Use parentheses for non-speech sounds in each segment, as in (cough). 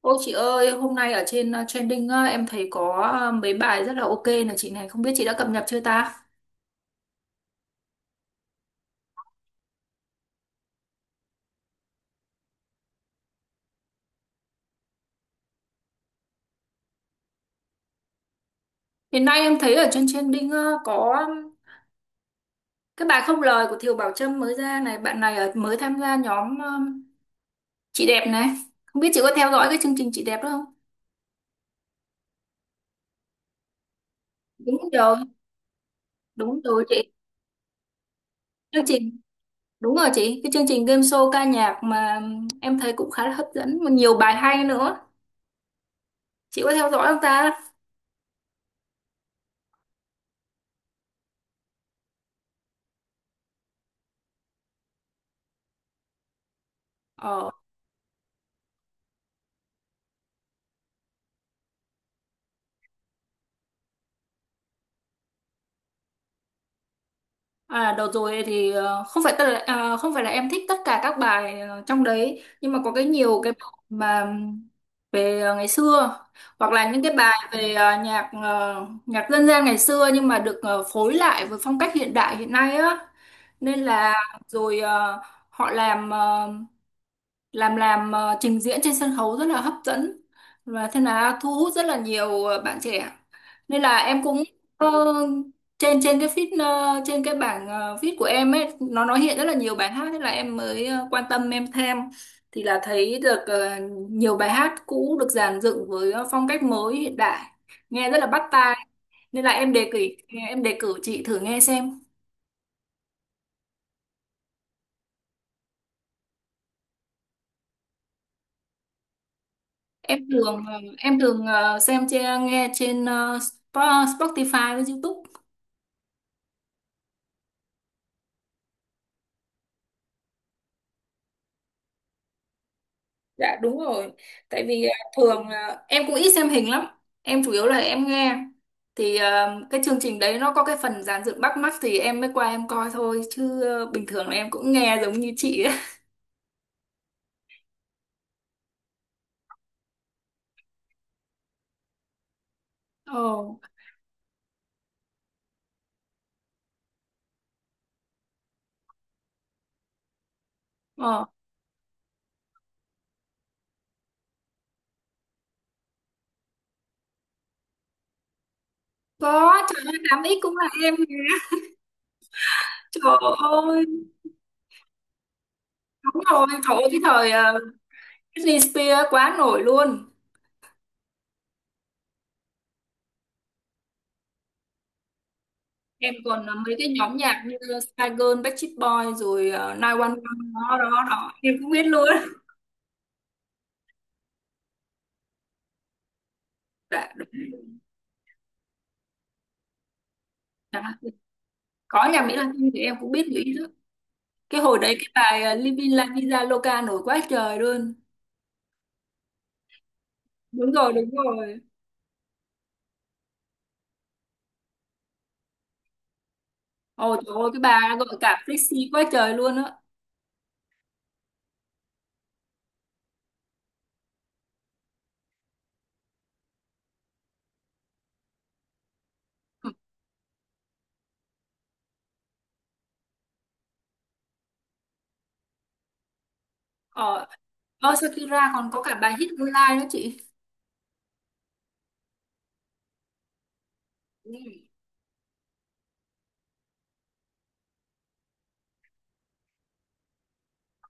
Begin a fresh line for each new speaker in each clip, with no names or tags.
Ôi chị ơi, hôm nay ở trên trending, em thấy có mấy bài rất là ok này chị này, không biết chị đã cập nhật chưa ta? Hiện nay em thấy ở trên trending có cái bài không lời của Thiều Bảo Trâm mới ra này, bạn này ở mới tham gia nhóm chị đẹp này. Không biết chị có theo dõi cái chương trình chị đẹp đó không? Đúng rồi, đúng rồi chị. Chương trình đúng rồi chị, cái chương trình game show ca nhạc mà em thấy cũng khá là hấp dẫn mà nhiều bài hay nữa. Chị có theo dõi không ta? Ờ. À, đợt rồi thì không phải tất là, à, không phải là em thích tất cả các bài trong đấy, nhưng mà có cái nhiều cái bài mà về ngày xưa, hoặc là những cái bài về nhạc nhạc dân gian ngày xưa, nhưng mà được phối lại với phong cách hiện đại hiện nay á, nên là rồi họ trình diễn trên sân khấu rất là hấp dẫn, và thế là thu hút rất là nhiều bạn trẻ, nên là em cũng ờ, trên trên cái feed, trên cái bảng feed của em ấy, nó hiện rất là nhiều bài hát, thế là em mới quan tâm em thêm, thì là thấy được nhiều bài hát cũ được dàn dựng với phong cách mới hiện đại, nghe rất là bắt tai, nên là em đề cử chị thử nghe xem. Em thường xem trên nghe trên Spotify với YouTube. Dạ đúng rồi. Tại vì à, thường là em cũng ít xem hình lắm. Em chủ yếu là em nghe. Thì à, cái chương trình đấy nó có cái phần dàn dựng bắt mắt thì em mới qua em coi thôi. Chứ à, bình thường là em cũng nghe giống như chị ấy. (laughs) Ồ, ờ. Có, trời ơi, 8X cũng là em nhé. Trời ơi, đúng rồi. Trời ơi, cái thời à, Britney Spears quá nổi luôn. Em còn à, mấy cái nhóm nhạc như Spice Girl, Backstreet Boys, rồi 911. Đó, đó, đó. Em cũng biết luôn. Dạ, đúng. Dạ. Có nhạc Mỹ Latin thì em cũng biết Mỹ đó, cái hồi đấy cái bài Living La Vida Loca nổi quá trời luôn. Đúng rồi, đúng rồi. Ồ trời ơi, cái bà gọi cả flexi quá trời luôn á. Ờ. Shakira còn có cả bài Hit Online đó chị. Ừ.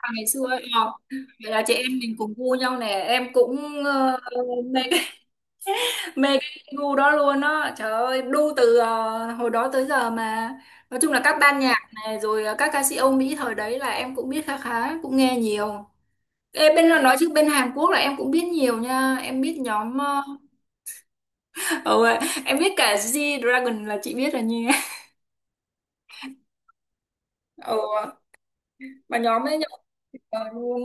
À, ngày xưa ấy, vậy là chị em mình cùng gu nhau nè, em cũng mê cái (laughs) mê cái gu đó luôn đó. Trời ơi, đu từ hồi đó tới giờ mà. Nói chung là các ban nhạc này rồi các ca sĩ Âu Mỹ thời đấy là em cũng biết khá khá, cũng nghe nhiều. Ê, bên là nói chứ bên Hàn Quốc là em cũng biết nhiều nha, em biết nhóm (laughs) ừ, em biết cả G-Dragon là chị biết rồi nha. (laughs) Ừ, mà nhóm ấy nhậu cờ luôn.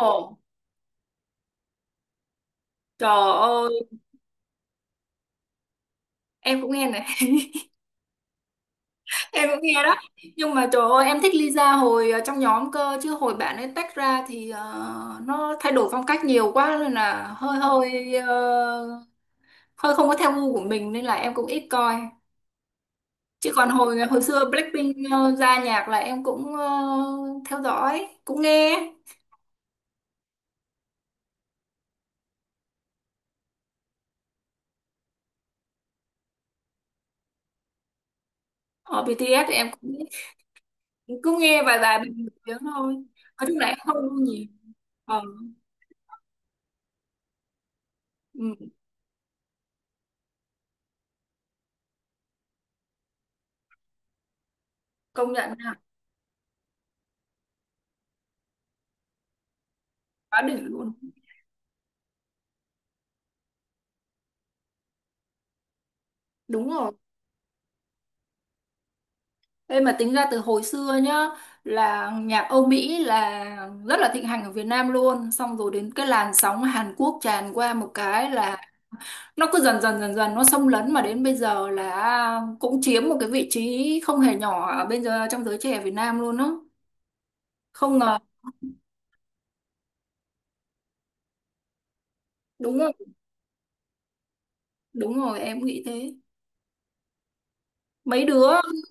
Ồ, trời ơi, em cũng nghe này. (laughs) Em cũng nghe đó, nhưng mà trời ơi, em thích Lisa hồi trong nhóm cơ, chứ hồi bạn ấy tách ra thì nó thay đổi phong cách nhiều quá, nên là hơi hơi hơi không có theo gu của mình, nên là em cũng ít coi. Chứ còn hồi hồi xưa Blackpink ra nhạc là em cũng theo dõi, cũng nghe. Ở BTS thì em cũng cũng nghe vài vài bài nổi tiếng thôi, nói chung là em không luôn nhiều. ờ, ừ, công nhận là quá đỉnh luôn. Đúng rồi, em mà tính ra từ hồi xưa nhá, là nhạc Âu Mỹ là rất là thịnh hành ở Việt Nam luôn, xong rồi đến cái làn sóng Hàn Quốc tràn qua một cái là nó cứ dần dần dần dần nó xâm lấn, mà đến bây giờ là cũng chiếm một cái vị trí không hề nhỏ ở bây giờ trong giới trẻ Việt Nam luôn đó, không ngờ. Đúng rồi, đúng rồi, em cũng nghĩ thế. Mấy đứa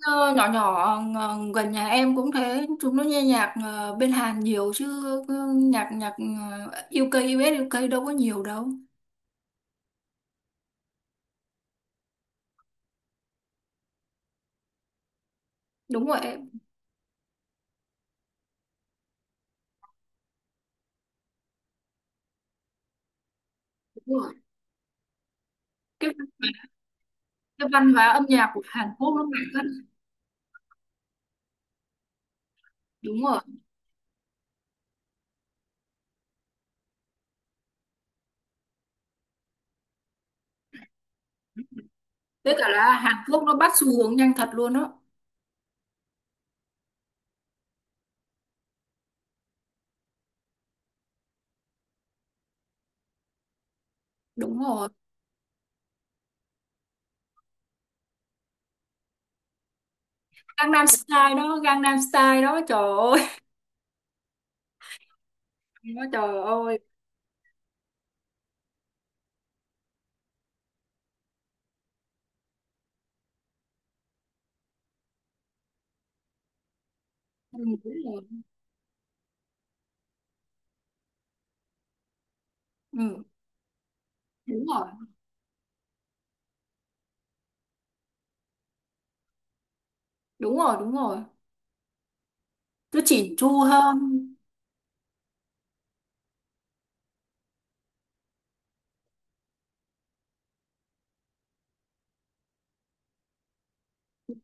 nhỏ nhỏ gần nhà em cũng thế, chúng nó nghe nhạc bên Hàn nhiều chứ, cứ nhạc nhạc ờ, UK US, UK đâu có nhiều đâu. Đúng rồi em, đúng rồi, cái văn hóa, cái văn hóa âm nhạc của Hàn Quốc nó mạnh lắm. Đúng rồi, với cả là Hàn Quốc nó bắt xu hướng nhanh thật luôn đó. Đúng rồi, Gangnam Style đó, Gangnam Style đó, trời ơi. Nó, trời ơi. Ừ, đúng rồi. Ừ, đúng rồi, đúng rồi, đúng rồi, cứ chỉn chu hơn.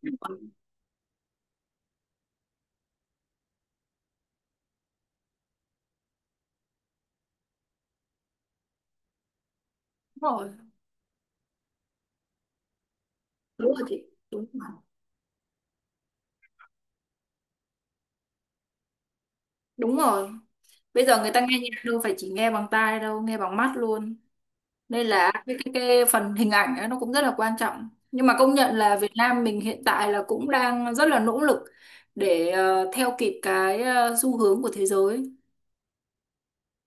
Đúng rồi, đúng rồi chị, đúng rồi, đúng rồi, bây giờ người ta nghe nhạc đâu phải chỉ nghe bằng tai đâu, nghe bằng mắt luôn, nên là cái phần hình ảnh ấy nó cũng rất là quan trọng. Nhưng mà công nhận là Việt Nam mình hiện tại là cũng đang rất là nỗ lực để theo kịp cái xu hướng của thế giới,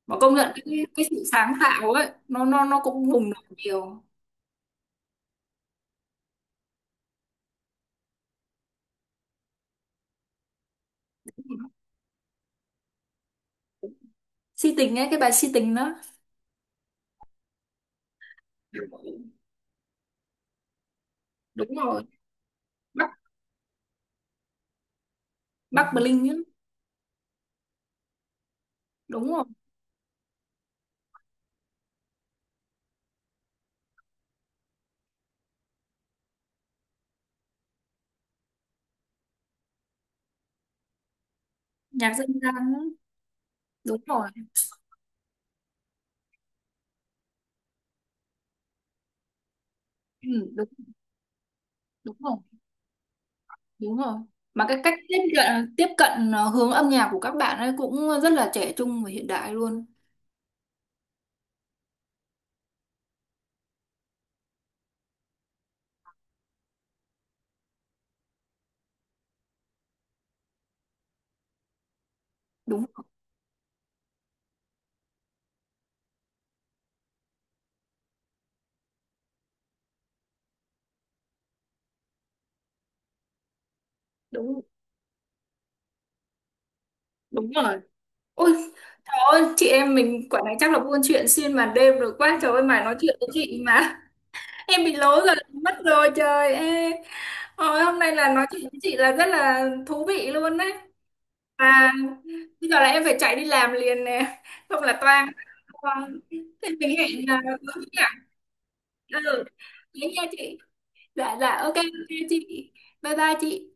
mà công nhận cái sự sáng tạo ấy nó cũng bùng nổ nhiều. Si tình ấy, cái bài si tình đó. Đúng rồi, Bắc Bắc Bling ấy. Đúng rồi, nhạc dân gian ấy. Đúng rồi, ừ, đúng, đúng rồi, đúng rồi, mà cái cách tiếp cận hướng âm nhạc của các bạn ấy cũng rất là trẻ trung và hiện đại luôn. Đúng, đúng, đúng rồi. Ôi trời ơi, chị em mình quả này chắc là buôn chuyện xuyên màn đêm rồi, quá trời ơi mà nói chuyện với chị mà (laughs) em bị lố rồi, mất rồi, trời ơi. Hồi hôm nay là nói chuyện với chị là rất là thú vị luôn đấy. Và bây giờ là em phải chạy đi làm liền nè, không là toang. Vâng, thế mình hẹn là có gì ạ? Ừ, thế nha chị. Dạ, dạ, ok, ok chị. Bye bye chị.